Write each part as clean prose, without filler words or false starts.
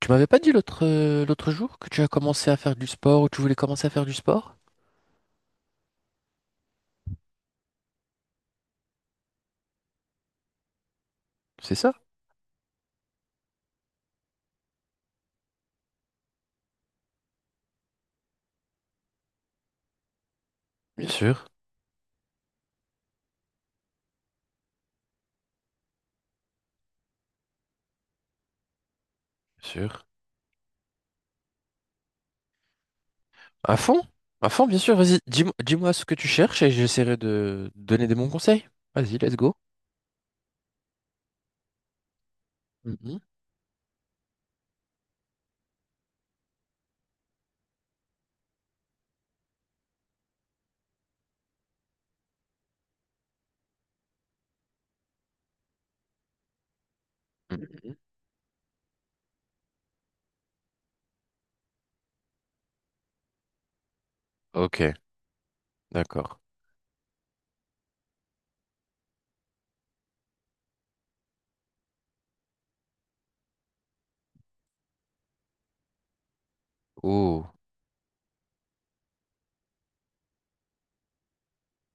Tu m'avais pas dit l'autre jour que tu as commencé à faire du sport ou tu voulais commencer à faire du sport? C'est ça? Bien sûr, bien sûr. À fond? À fond, bien sûr. Vas-y, dis-moi ce que tu cherches et j'essaierai de donner des bons conseils. Vas-y, let's go. Mhm, mhm. Ok, d'accord. Oh,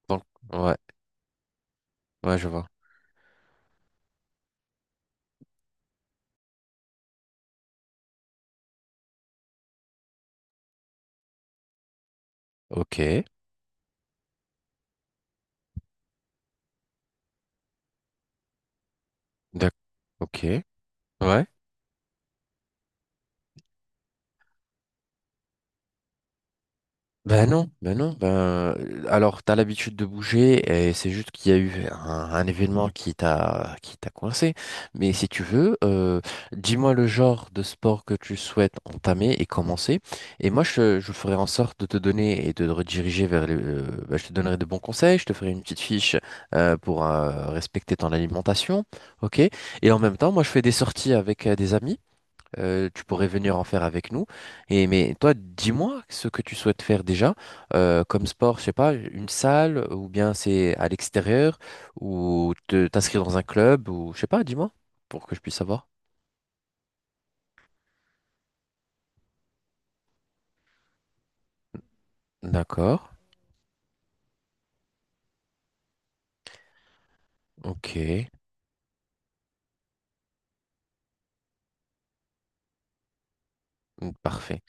donc, ouais, ouais, je vois. Ok, d'accord. Ok, ouais, ben non, ben non, alors t'as l'habitude de bouger et c'est juste qu'il y a eu un événement qui t'a coincé. Mais si tu veux, dis-moi le genre de sport que tu souhaites entamer et commencer. Et moi je ferai en sorte de te donner et de te rediriger je te donnerai de bons conseils, je te ferai une petite fiche pour respecter ton alimentation, ok? Et en même temps, moi je fais des sorties avec des amis. Tu pourrais venir en faire avec nous. Et mais toi, dis-moi ce que tu souhaites faire déjà comme sport, je sais pas, une salle ou bien c'est à l'extérieur ou te t'inscrire dans un club ou je sais pas, dis-moi pour que je puisse savoir. D'accord, ok, parfait.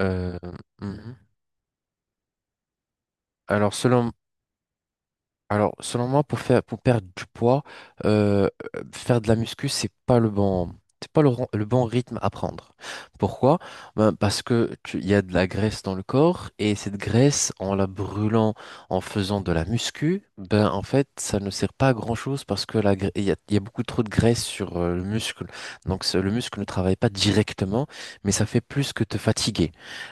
Euh, mhm. Alors selon Alors, selon moi, pour perdre du poids, euh, faire de la muscu, c'est pas le bon rythme à prendre. Pourquoi? Ben, parce que il y a de la graisse dans le corps et cette graisse, en la brûlant, en faisant de la muscu, ben en fait, ça ne sert pas à grand-chose parce que il y a beaucoup trop de graisse sur le muscle. Donc, le muscle ne travaille pas directement, mais ça fait plus que te fatiguer.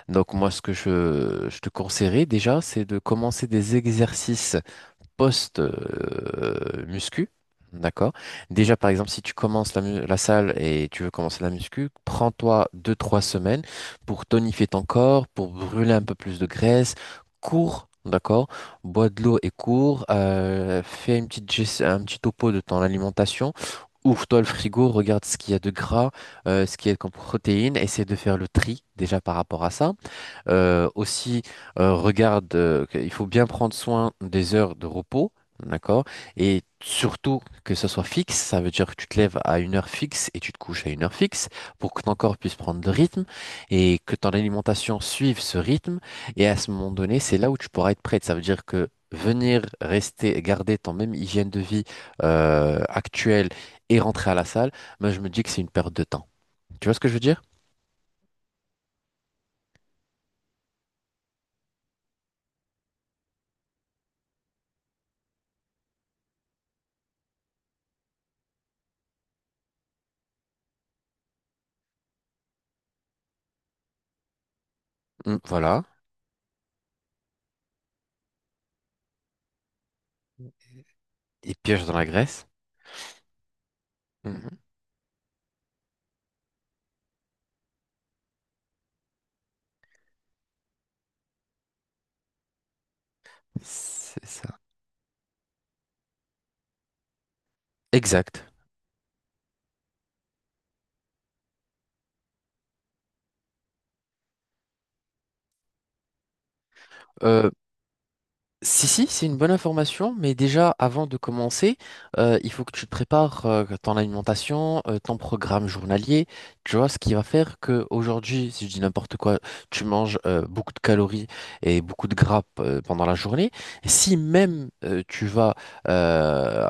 Donc, moi, ce que je te conseillerais déjà, c'est de commencer des exercices post-muscu. D'accord? Déjà, par exemple, si tu commences la salle et tu veux commencer la muscu, prends-toi deux trois semaines pour tonifier ton corps, pour brûler un peu plus de graisse, cours, d'accord? Bois de l'eau et cours, fais un petit topo de ton alimentation, ouvre-toi le frigo, regarde ce qu'il y a de gras, ce qu'il y a comme protéines, essaie de faire le tri déjà par rapport à ça. Aussi, regarde, il faut bien prendre soin des heures de repos, d'accord? Et surtout que ça soit fixe, ça veut dire que tu te lèves à une heure fixe et tu te couches à une heure fixe pour que ton corps puisse prendre le rythme et que ton alimentation suive ce rythme. Et à ce moment donné, c'est là où tu pourras être prête. Ça veut dire que venir rester, garder ton même hygiène de vie actuelle et rentrer à la salle, moi je me dis que c'est une perte de temps. Tu vois ce que je veux dire? Mm, voilà. Et piège dans la graisse. Hmm. C'est ça. Exact. Euh, Si, si, c'est une bonne information, mais déjà avant de commencer, il faut que tu te prépares ton alimentation, ton programme journalier, tu vois, ce qui va faire que aujourd'hui, si je dis n'importe quoi, tu manges beaucoup de calories et beaucoup de gras pendant la journée. Si même tu vas euh,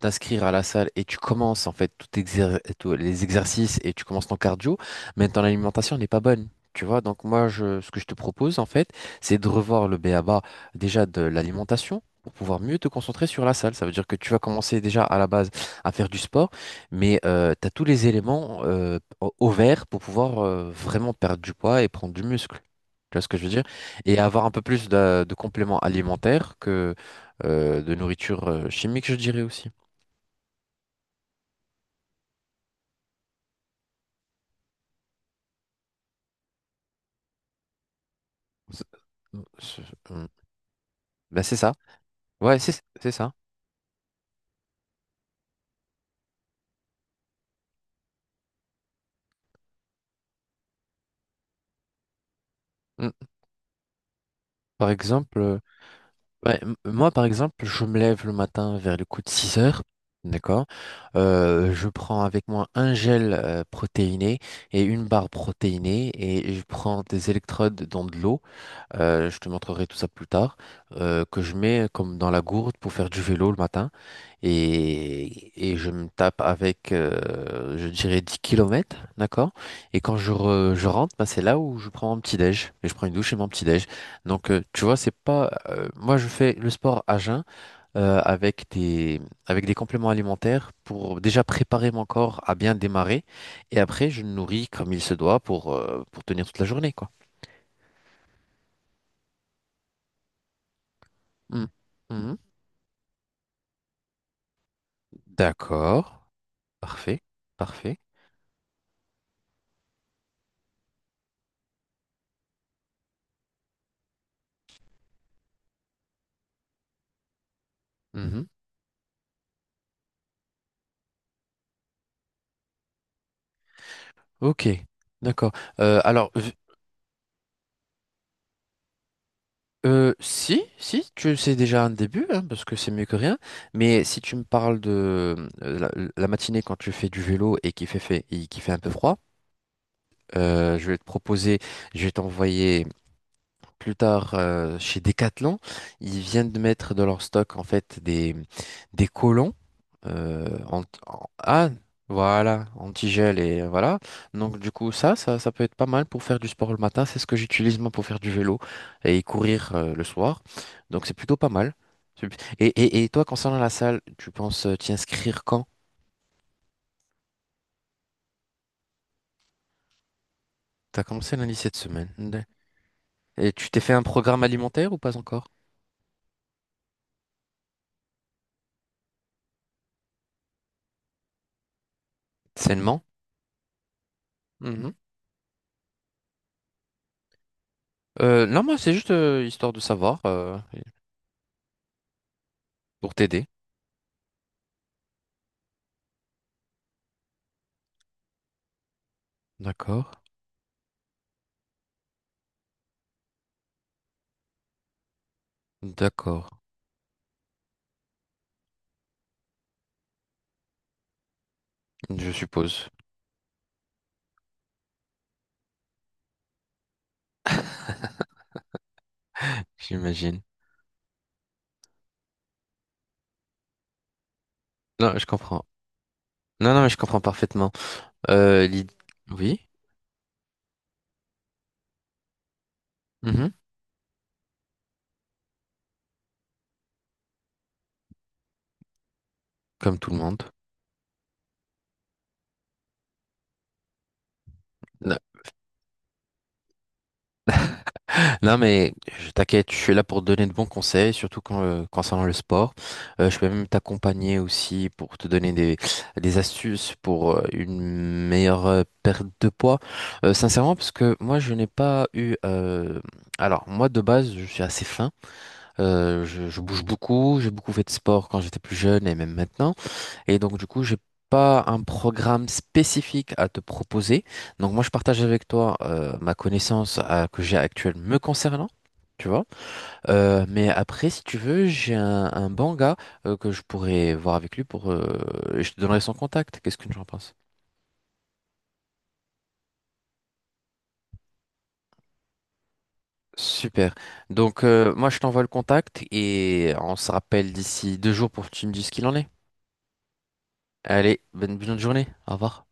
t'inscrire à la salle et tu commences en fait tous les exercices et tu commences ton cardio, mais ton alimentation n'est pas bonne. Tu vois, donc moi, ce que je te propose, en fait, c'est de revoir le BABA déjà de l'alimentation pour pouvoir mieux te concentrer sur la salle. Ça veut dire que tu vas commencer déjà à la base à faire du sport, mais tu as tous les éléments au vert pour pouvoir vraiment perdre du poids et prendre du muscle. Tu vois ce que je veux dire? Et avoir un peu plus de compléments alimentaires que de nourriture chimique, je dirais aussi. C'est- c'est- Ben c'est ça. Ouais, c'est ça. Mm. Par exemple. Ouais, moi, par exemple, je me lève le matin vers le coup de 6 heures. D'accord. Je prends avec moi un gel protéiné et une barre protéinée et je prends des électrodes dans de l'eau je te montrerai tout ça plus tard, que je mets comme dans la gourde pour faire du vélo le matin. Et je me tape avec, je dirais, 10 kilomètres d'accord? Et quand je rentre, bah, c'est là où je prends mon petit-déj. Et je prends une douche et mon petit-déj. Donc, tu vois, c'est pas... moi, je fais le sport à jeun euh, avec des, avec des compléments alimentaires pour déjà préparer mon corps à bien démarrer. Et après, je le nourris comme il se doit pour tenir toute la journée, quoi. Mm. D'accord, parfait, parfait. Mhm. Ok, d'accord. Euh, alors, v- si, si, tu sais déjà un début, hein, parce que c'est mieux que rien, mais si tu me parles de euh, la, la matinée quand tu fais du vélo et qu'il fait un peu froid, euh, je vais te proposer, je vais t'envoyer plus tard chez Decathlon. Ils viennent de mettre dans leur stock en fait des collants ah, voilà, antigel et voilà. Donc du coup, ça peut être pas mal pour faire du sport le matin. C'est ce que j'utilise moi pour faire du vélo et courir le soir. Donc c'est plutôt pas mal. C'est- et toi, concernant la salle, tu penses t'y inscrire quand? T'as commencé lundi cette semaine. Et tu t'es fait un programme alimentaire ou pas encore? Sainement? Mhm. Non, moi, c'est juste histoire de savoir pour t'aider. D'accord. D'accord. Je suppose. J'imagine. Non, je comprends. Non, non, mais je comprends parfaitement. Euh, l'id- Oui, mhm, comme tout le monde. Non, non, mais je t'inquiète, je suis là pour te donner de bons conseils, surtout quand, concernant le sport. Je peux même t'accompagner aussi pour te donner des astuces pour une meilleure perte de poids. Sincèrement, parce que moi, je n'ai pas eu... alors, moi, de base, je suis assez fin. Je bouge beaucoup, j'ai beaucoup fait de sport quand j'étais plus jeune et même maintenant. Et donc, du coup, j'ai pas un programme spécifique à te proposer. Donc, moi, je partage avec toi ma connaissance que j'ai actuelle me concernant. Tu vois? Mais après, si tu veux, j'ai un bon gars que je pourrais voir avec lui pour. Et je te donnerai son contact. Qu'est-ce que tu en penses? Super. Donc, moi, je t'envoie le contact et on se rappelle d'ici 2 jours pour que tu me dises ce qu'il en est. Allez, bonne journée. Au revoir.